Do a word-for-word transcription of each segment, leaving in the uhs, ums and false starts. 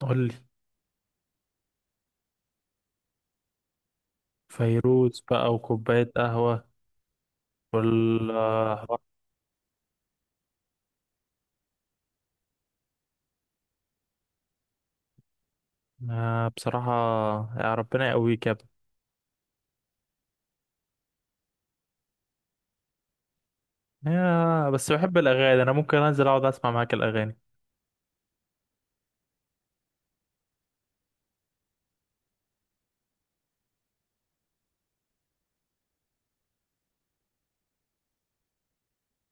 قولي. فيروز بقى وكوباية قهوة. والحوار؟ بصراحة، يا ربنا يقويك يا ابني. يا بس بحب الأغاني أنا، ممكن أنزل أقعد أسمع معاك الأغاني.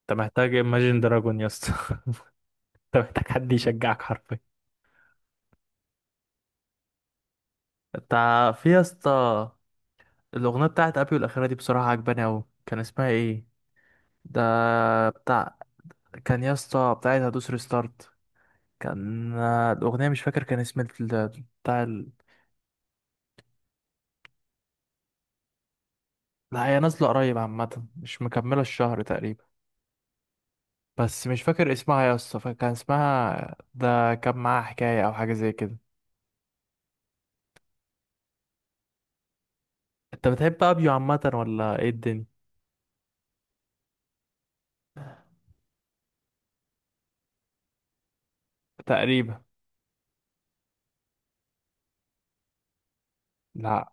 أنت محتاج Imagine دراجون يا اسطى. أنت محتاج حد يشجعك حرفيا. أنت، في يا اسطى الأغنية بتاعت أبيو الأخيرة دي بصراحة عجباني أوي، كان اسمها إيه؟ ده بتاع، كان يا اسطى بتاعت هدوس ريستارت. كان آه، الأغنية مش فاكر كان اسم ال- بتاع. لا هي نازلة قريب عامة، مش مكملة الشهر تقريبا. بس مش فاكر اسمها يا اسطى، فكان اسمها ده كان معاها حكاية أو حاجة زي كده. أنت بتحب أبيو عامة ولا إيه الدنيا؟ تقريبا. لا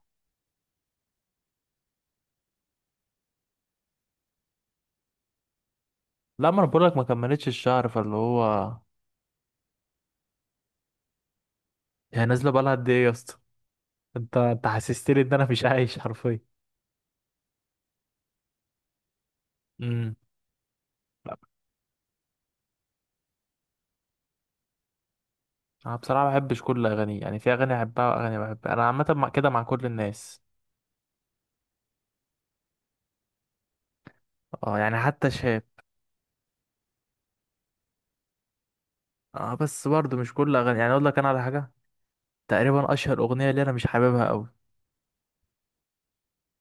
لا، ما أنا بقولك ما كملتش الشهر، فاللي هو هي نازلة بقالها قد إيه يا اسطى؟ أنت أنت حسستني إن أنا مش عايش حرفيا. امم. لا أنا بصراحة ما بحبش كل أغانيه، يعني في أغاني أحبها وأغاني بحبها، أنا عامة مع- كده مع كل الناس. أه يعني حتى شاب. أه بس برضه مش كل أغاني، يعني أقول لك أنا على حاجة، تقريبا اشهر اغنيه اللي انا مش حاببها قوي،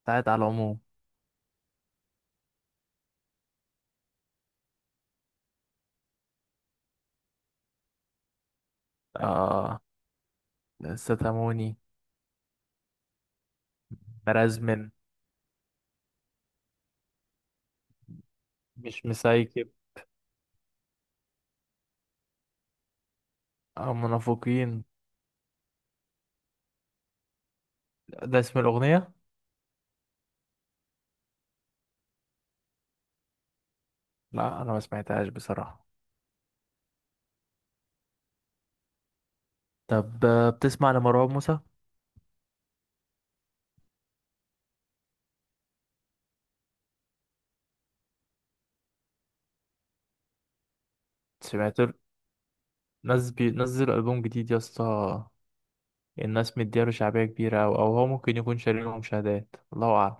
بتاعت على العموم. أيوة. اه، ستاموني، مرازمن، مش مسايكب، او منافقين، ده اسم الاغنيه. لا انا ما سمعتهاش بصراحه. طب آه، بتسمع لمروان موسى؟ سمعت له. ناس بينزل البوم جديد يا اسطى، الناس مدياله شعبيه كبيره، او او هو ممكن يكون شاري له مشاهدات، الله اعلم.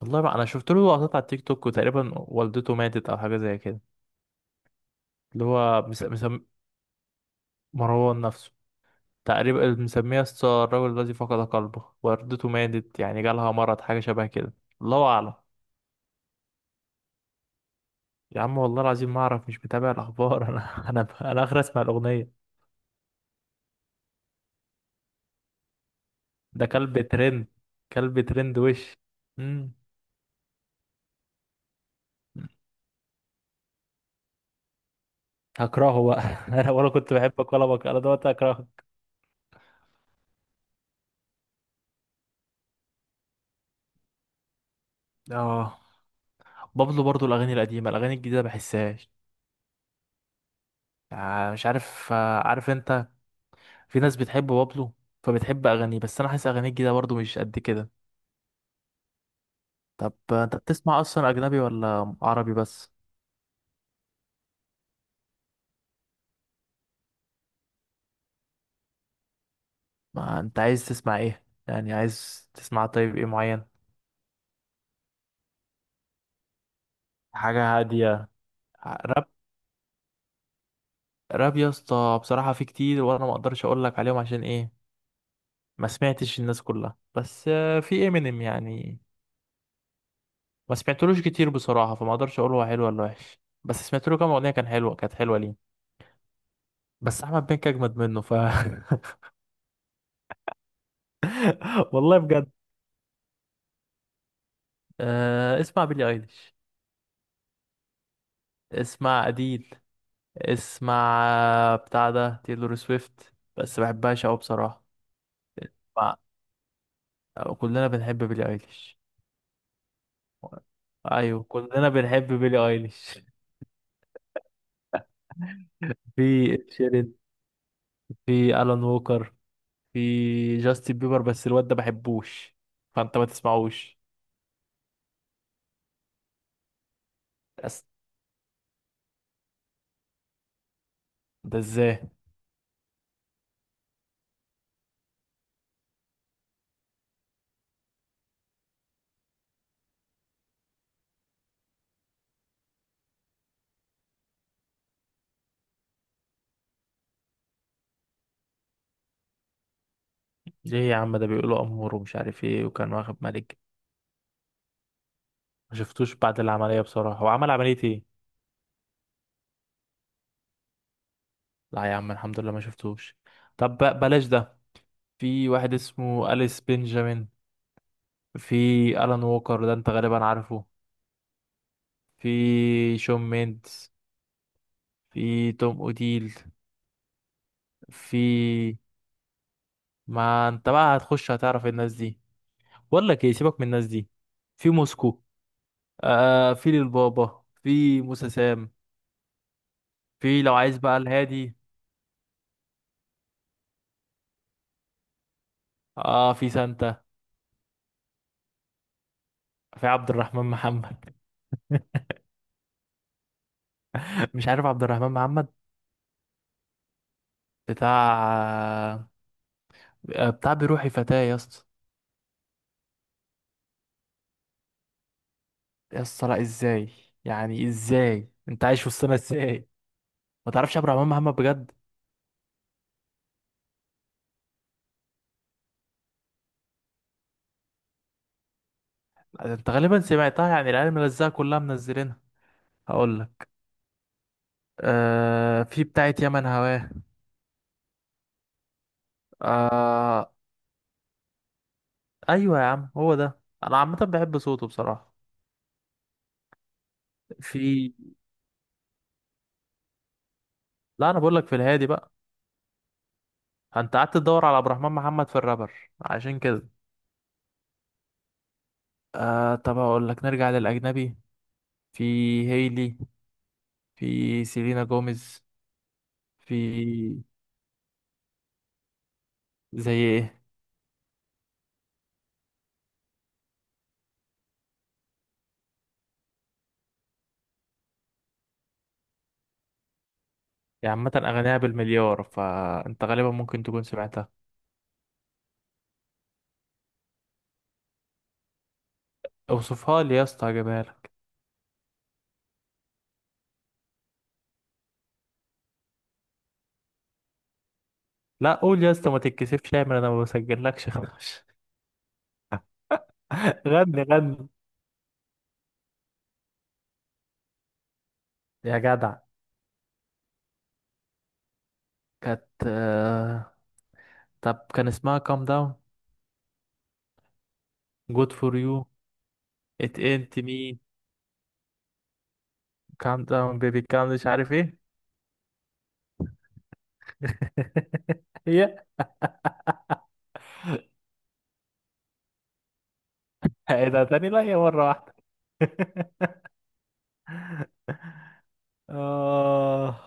والله ما انا شفت له لقطات على التيك توك، وتقريبا والدته ماتت او حاجه زي كده. اللي هو مس... مس... مروان نفسه، تقريبا مسميها ستار الراجل الذي فقد قلبه، وردته ماتت يعني، جالها مرض حاجة شبه كده. الله أعلم. يا عم والله العظيم ما أعرف، مش متابع الأخبار. أنا أنا أنا آخر أسمع الأغنية. ده كلب ترند، كلب ترند وش. مم. هكرهه بقى. أنا ولا كنت بحبك ولا بك، أنا دلوقتي هكرهك. آه، بابلو برضو الأغاني القديمة، الأغاني الجديدة بحسهاش. آه، مش عارف، آه، عارف أنت، في ناس بتحب بابلو فبتحب أغانيه، بس أنا حاسس أغانيه الجديدة برضو مش قد كده. طب انت بتسمع اصلا اجنبي ولا عربي بس؟ ما انت عايز تسمع ايه يعني؟ عايز تسمع طيب ايه معين؟ حاجة هادية. راب. راب يا اسطى بصراحة في كتير، وانا ما اقدرش اقول لك عليهم عشان ايه؟ ما سمعتش الناس كلها. بس آه، في امينيم يعني، ما سمعتلوش كتير بصراحة، فما اقدرش اقول هو حلو ولا وحش، بس سمعت له كام اغنية كان حلوة، كانت حلوة ليه. بس احمد بنك اجمد منه ف... والله بجد. أه، اسمع بيلي ايليش، اسمع اديل، اسمع بتاع ده تيلور سويفت، بس بحبهاش أوي بصراحة. مع- كلنا بنحب بيلي ايليش. ايوه كلنا بنحب بيلي ايليش. في إد شيرين، في الان ووكر، في جاستن بيبر، بس الواد ده بحبوش، فانت ما تسمعوش. أس- ده ازاي؟ ليه يا عم؟ ده بيقولوا امور ومش عارف ايه، وكان واخد ملك. ما شفتوش بعد العمليه بصراحه، هو عمل عمليه ايه؟ لا يا عم الحمد لله ما شفتوش. طب ب- بلاش ده. في واحد اسمه أليس بنجامين، في ألان ووكر ده انت غالبا عارفه، في شون ميندز، في توم اوديل، في، ما انت بقى هتخش هتعرف الناس دي. بقول لك ايه، سيبك من الناس دي. في موسكو. آه في للبابا، في موسى سام، في لو عايز بقى الهادي. اه في سانتا، في عبد الرحمن محمد. مش عارف عبد الرحمن محمد؟ بتاع، آه، بتاع بروحي فتاة يا اسطى. يا اسطى لا ازاي؟ يعني ازاي انت عايش وسطنا ازاي؟ ما تعرفش عبد الرحمن محمد بجد؟ انت غالبا سمعتها، يعني العيال ملزقه كلها منزلينها. هقول لك، آه في بتاعه يمن هواه. آه. ايوه يا عم هو ده، انا عامه بحب صوته بصراحه. في، لا انا بقول لك في الهادي بقى، انت قعدت تدور على عبد الرحمن محمد في الرابر عشان كده. آه طب هقول لك نرجع للاجنبي. في هيلي، في سيلينا جوميز، في، زي ايه؟ يعني عامه اغانيها بالمليار، فانت غالبا ممكن تكون سمعتها. اوصفها لي يا اسطى هجيبها لك. لا قول يا اسطى ما تتكسفش، اعمل انا ما بسجلكش خلاص. غني غني يا جدع. كانت آه، طب كان اسمها كام داون؟ جود فور يو؟ ات انت مي؟ كام داون بيبي كام مش عارف ايه. هي ايه ده تاني؟ لا هي مرة واحدة. آه،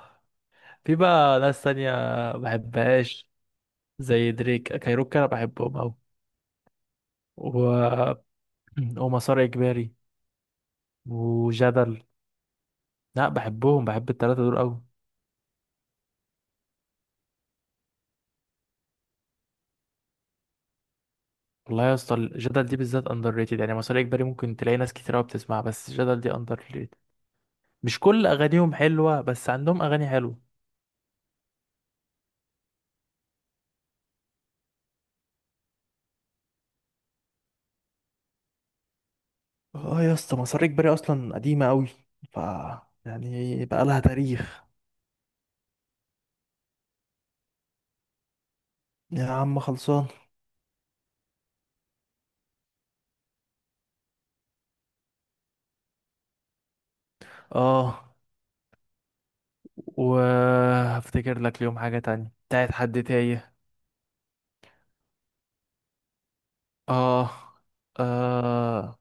في بقى ناس تانية بحبهاش، زي دريك كايروكا أنا بحبهم أوي. و... ومسار إجباري وجدل. لا بحبهم، بحب التلاتة دول أوي. والله يا اسطى الجدل دي بالذات اندر ريتد، يعني مسار اجباري ممكن تلاقي ناس كتير قوي بتسمعها، بس الجدل دي اندر ريتد. مش كل اغانيهم حلوه، بس عندهم اغاني حلوه. اه يا اسطى مسار اجباري اصلا قديمه قوي، ف، يعني بقى لها تاريخ. يا عم خلصان. اه، وهفتكر لك اليوم حاجه تانية بتاعت حد تايه. اه. آه.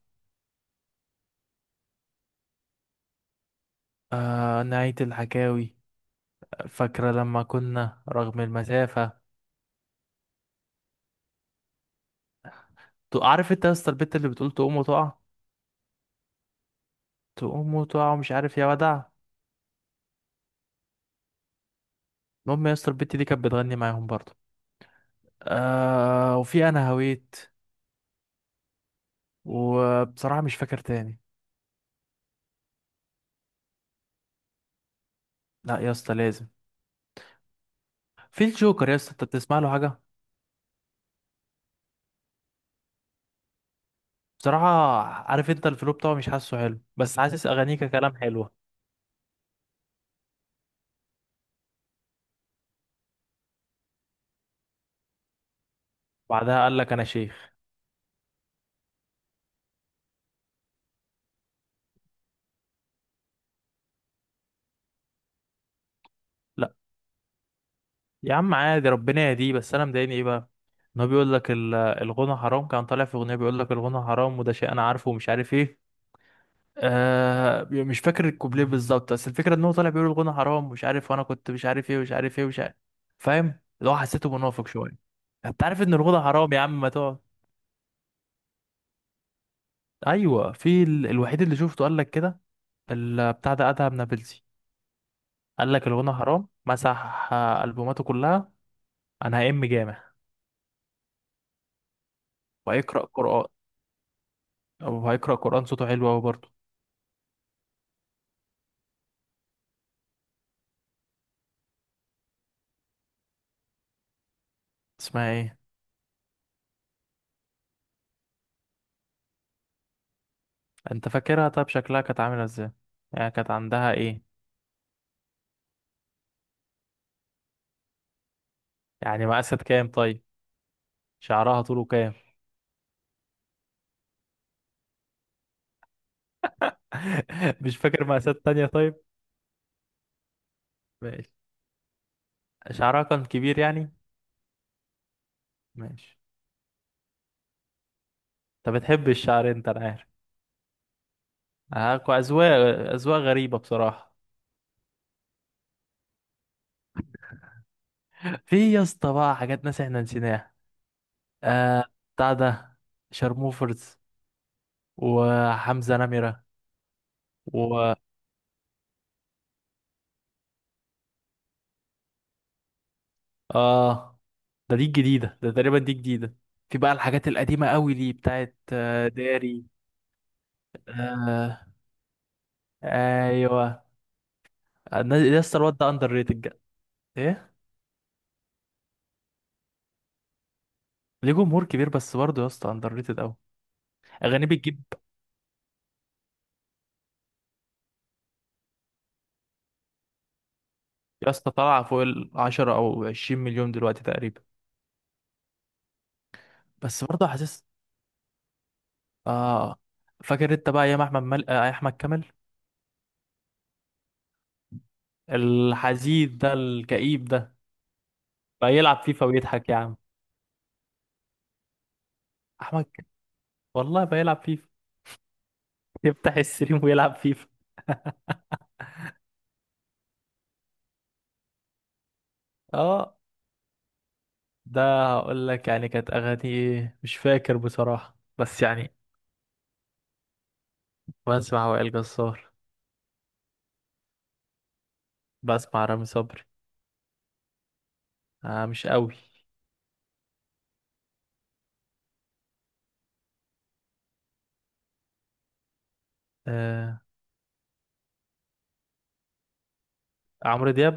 آه نهاية الحكاوي، فاكرة لما كنا، رغم المسافة. تو- عارف انت يا اسطى البت اللي بتقول تقوم وتقع؟ تقوم وتقع ومش عارف يا ودع. المهم يا اسطى البت دي كانت بتغني معاهم برضه. آه وفي انا هويت، وبصراحه مش فاكر تاني. لا يا اسطى لازم. في الجوكر يا اسطى، انت بتسمع له حاجه؟ بصراحه، عارف انت، الفلو بتاعه مش حاسه حلو، بس حاسس اغانيه ككلام حلوه. بعدها قال لك انا شيخ. لا يا عم عادي، ربنا يهديه، بس انا مضايقني ايه بقى، ان هو بيقول لك ال- الغنى حرام. كان طالع في اغنيه بيقول لك الغنى حرام، وده شيء انا عارفه ومش عارف ايه. آه مش فاكر الكوبليه بالظبط، بس الفكره ان هو طالع بيقول الغنى حرام مش عارف، وانا كنت مش عارف ايه ومش عارف ايه ومش عارف. فاهم، اللي هو حسيته منافق شويه. انت عارف ان الغنى حرام يا عم، ما تقعد. ايوه، في ال... الوحيد اللي شفته قال لك كده، ال- بتاع ده ادهم نابلسي، قال لك الغنى حرام، مسح آه، البوماته كلها. انا هأم جامع وهيقرا قران، او هيقرا قران. صوته حلو قوي برضه. اسمها ايه؟ انت فاكرها طيب شكلها كانت عامله ازاي؟ يعني كانت عندها ايه؟ يعني مقاسات كام طيب؟ شعرها طوله كام؟ مش فاكر مقاسات تانية طيب. ماشي. شعرها كان كبير يعني. ماشي. انت بتحب الشعر انت انا عارف. آه، كو- اذواق. اذواق غريبة بصراحة. في يا اسطى بقى حاجات ناس احنا نسيناها. آه، بتاع ده، شارموفرز وحمزة نمرة. و... اه ده، دي الجديدة ده، تقريبا دي جديدة. في بقى الحاجات القديمة قوي دي بتاعت آه، داري. آه. ايوه. الناس، يا اسطى الواد ده اندر ريتد. ايه؟ ليه جمهور كبير بس برضه يا اسطى اندر ريتد قوي. اغانيه بتجيب. يا اسطى طالعه فوق ال عشرة او عشرين مليون دلوقتي تقريبا. بس برضه حاسس. اه. فاكر انت بقى ايام احمد مل... آه، احمد كامل، الحزين ده الكئيب ده، بقى يلعب فيفا ويضحك يا عم. احمد ك- والله بقى يلعب فيفا. يفتح السريم ويلعب فيفا. اه ده، هقول لك يعني كانت اغاني ايه مش فاكر بصراحه بس يعني. بسمع وائل جسار. بسمع رامي صبري. آه مش قوي. آه. عمرو دياب.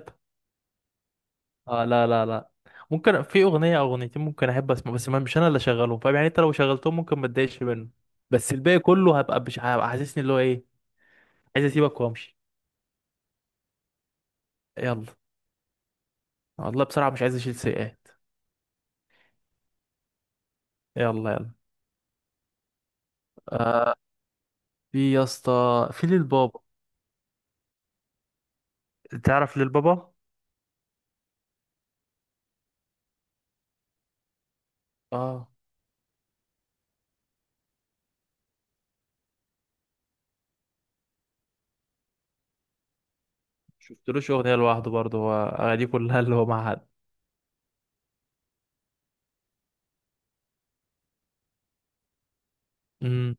اه لا لا لا، ممكن في اغنيه او اغنيتين ممكن احب اسمع، بس ما مش انا اللي اشغلهم، فاهم يعني، انت لو شغلتهم ممكن ما اتضايقش منه. بس الباقي كله هبقى مش هبقى حاسسني اللي هو ايه. عايز اسيبك وامشي. يلا. والله بصراحه مش عايز اشيل سيئات. يلا يلا. آه، في يا اسطى، في للبابا. تعرف للبابا؟ اه. شفتلوش اغنيه لوحده برضه، هو اغانيه كلها اللي هو مع حد. امم.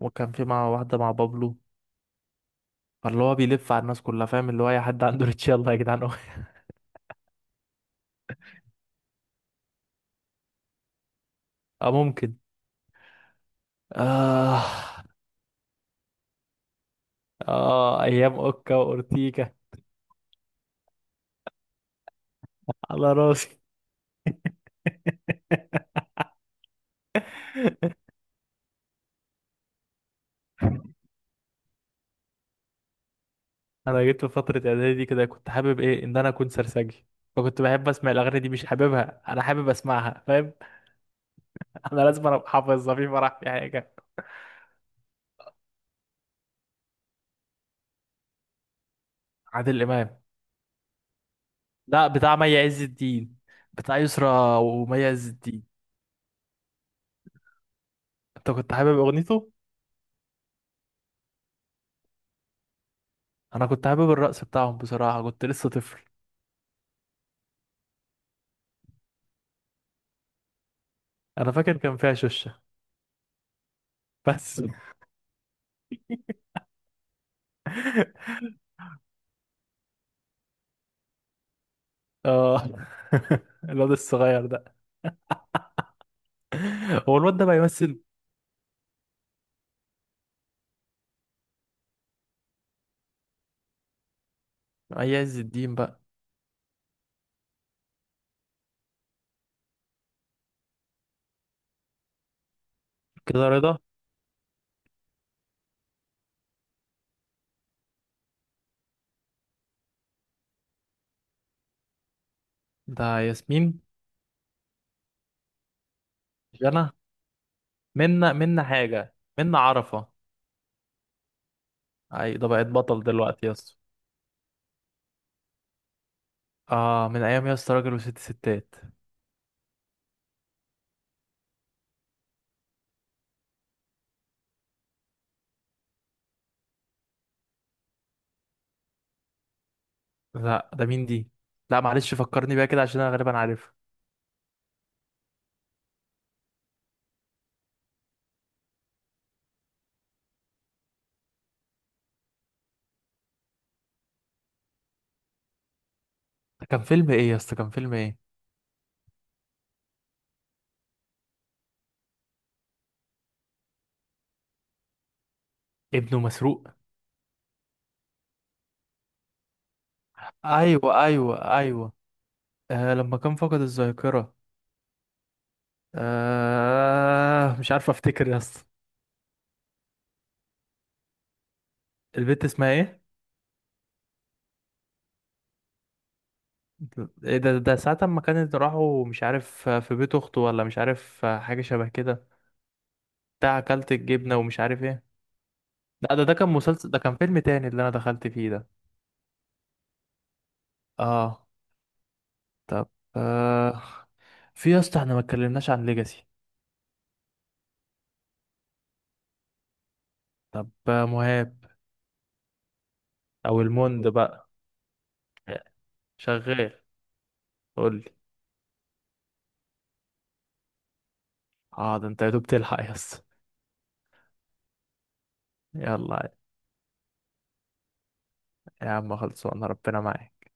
وكان في مع واحده، مع بابلو. فاللي هو بيلف على الناس كلها، فاهم، اللي هو اي حد عنده ريتش يلا يا جدعان. اه ممكن. آه. اه ايام اوكا واورتيكا. على راسي. انا جيت في فتره اعدادي كده، كنت حابب ايه، ان انا اكون سرسجي، فكنت بحب اسمع الاغاني دي. مش حاببها انا، حابب اسمعها، فاهم. انا لازم ابقى حافظها في فرح في حاجه. عادل امام. لا بتاع مي عز الدين، بتاع يسرا ومي عز الدين. انت كنت حابب اغنيته؟ انا كنت حابب الرقص بتاعهم بصراحه، كنت لسه طفل. انا فاكر كان فيها شوشه. بس. اه. الواد الصغير ده، هو الواد ده بيمثل؟ اي عز الدين بقى. كده رضا. ده ياسمين. جنى. منا، منا حاجة، منا عرفة. اي ده بقت بطل دلوقتي يا اسطى. اه من ايام يا اسطى راجل وست ستات. لا ده مين دي؟ لا معلش فكرني بيها كده عشان انا غالبا عارفها. ده كان فيلم ايه يا اسطى، كان فيلم ايه؟ ابنه مسروق. ايوه ايوه ايوه. آه لما كان فقد الذاكرة. آه مش عارف افتكر يا اسطى. البنت اسمها ايه؟ ايه ده، ده ساعة ما كانت راحوا مش عارف في بيت اخته، ولا مش عارف حاجة شبه كده. بتاع اكلت الجبنة ومش عارف ايه. لا ده، ده كان مسلسل، ده كان فيلم تاني اللي انا دخلت فيه ده. اه. طب. آه، في يا اسطى احنا ما اتكلمناش عن ليجاسي. طب آه، مهاب، او الموند بقى. شغال. قول لي. اه ده انت يا دوب تلحق يا اسطى. يلا يا عم خلصوا، انا ربنا معاك.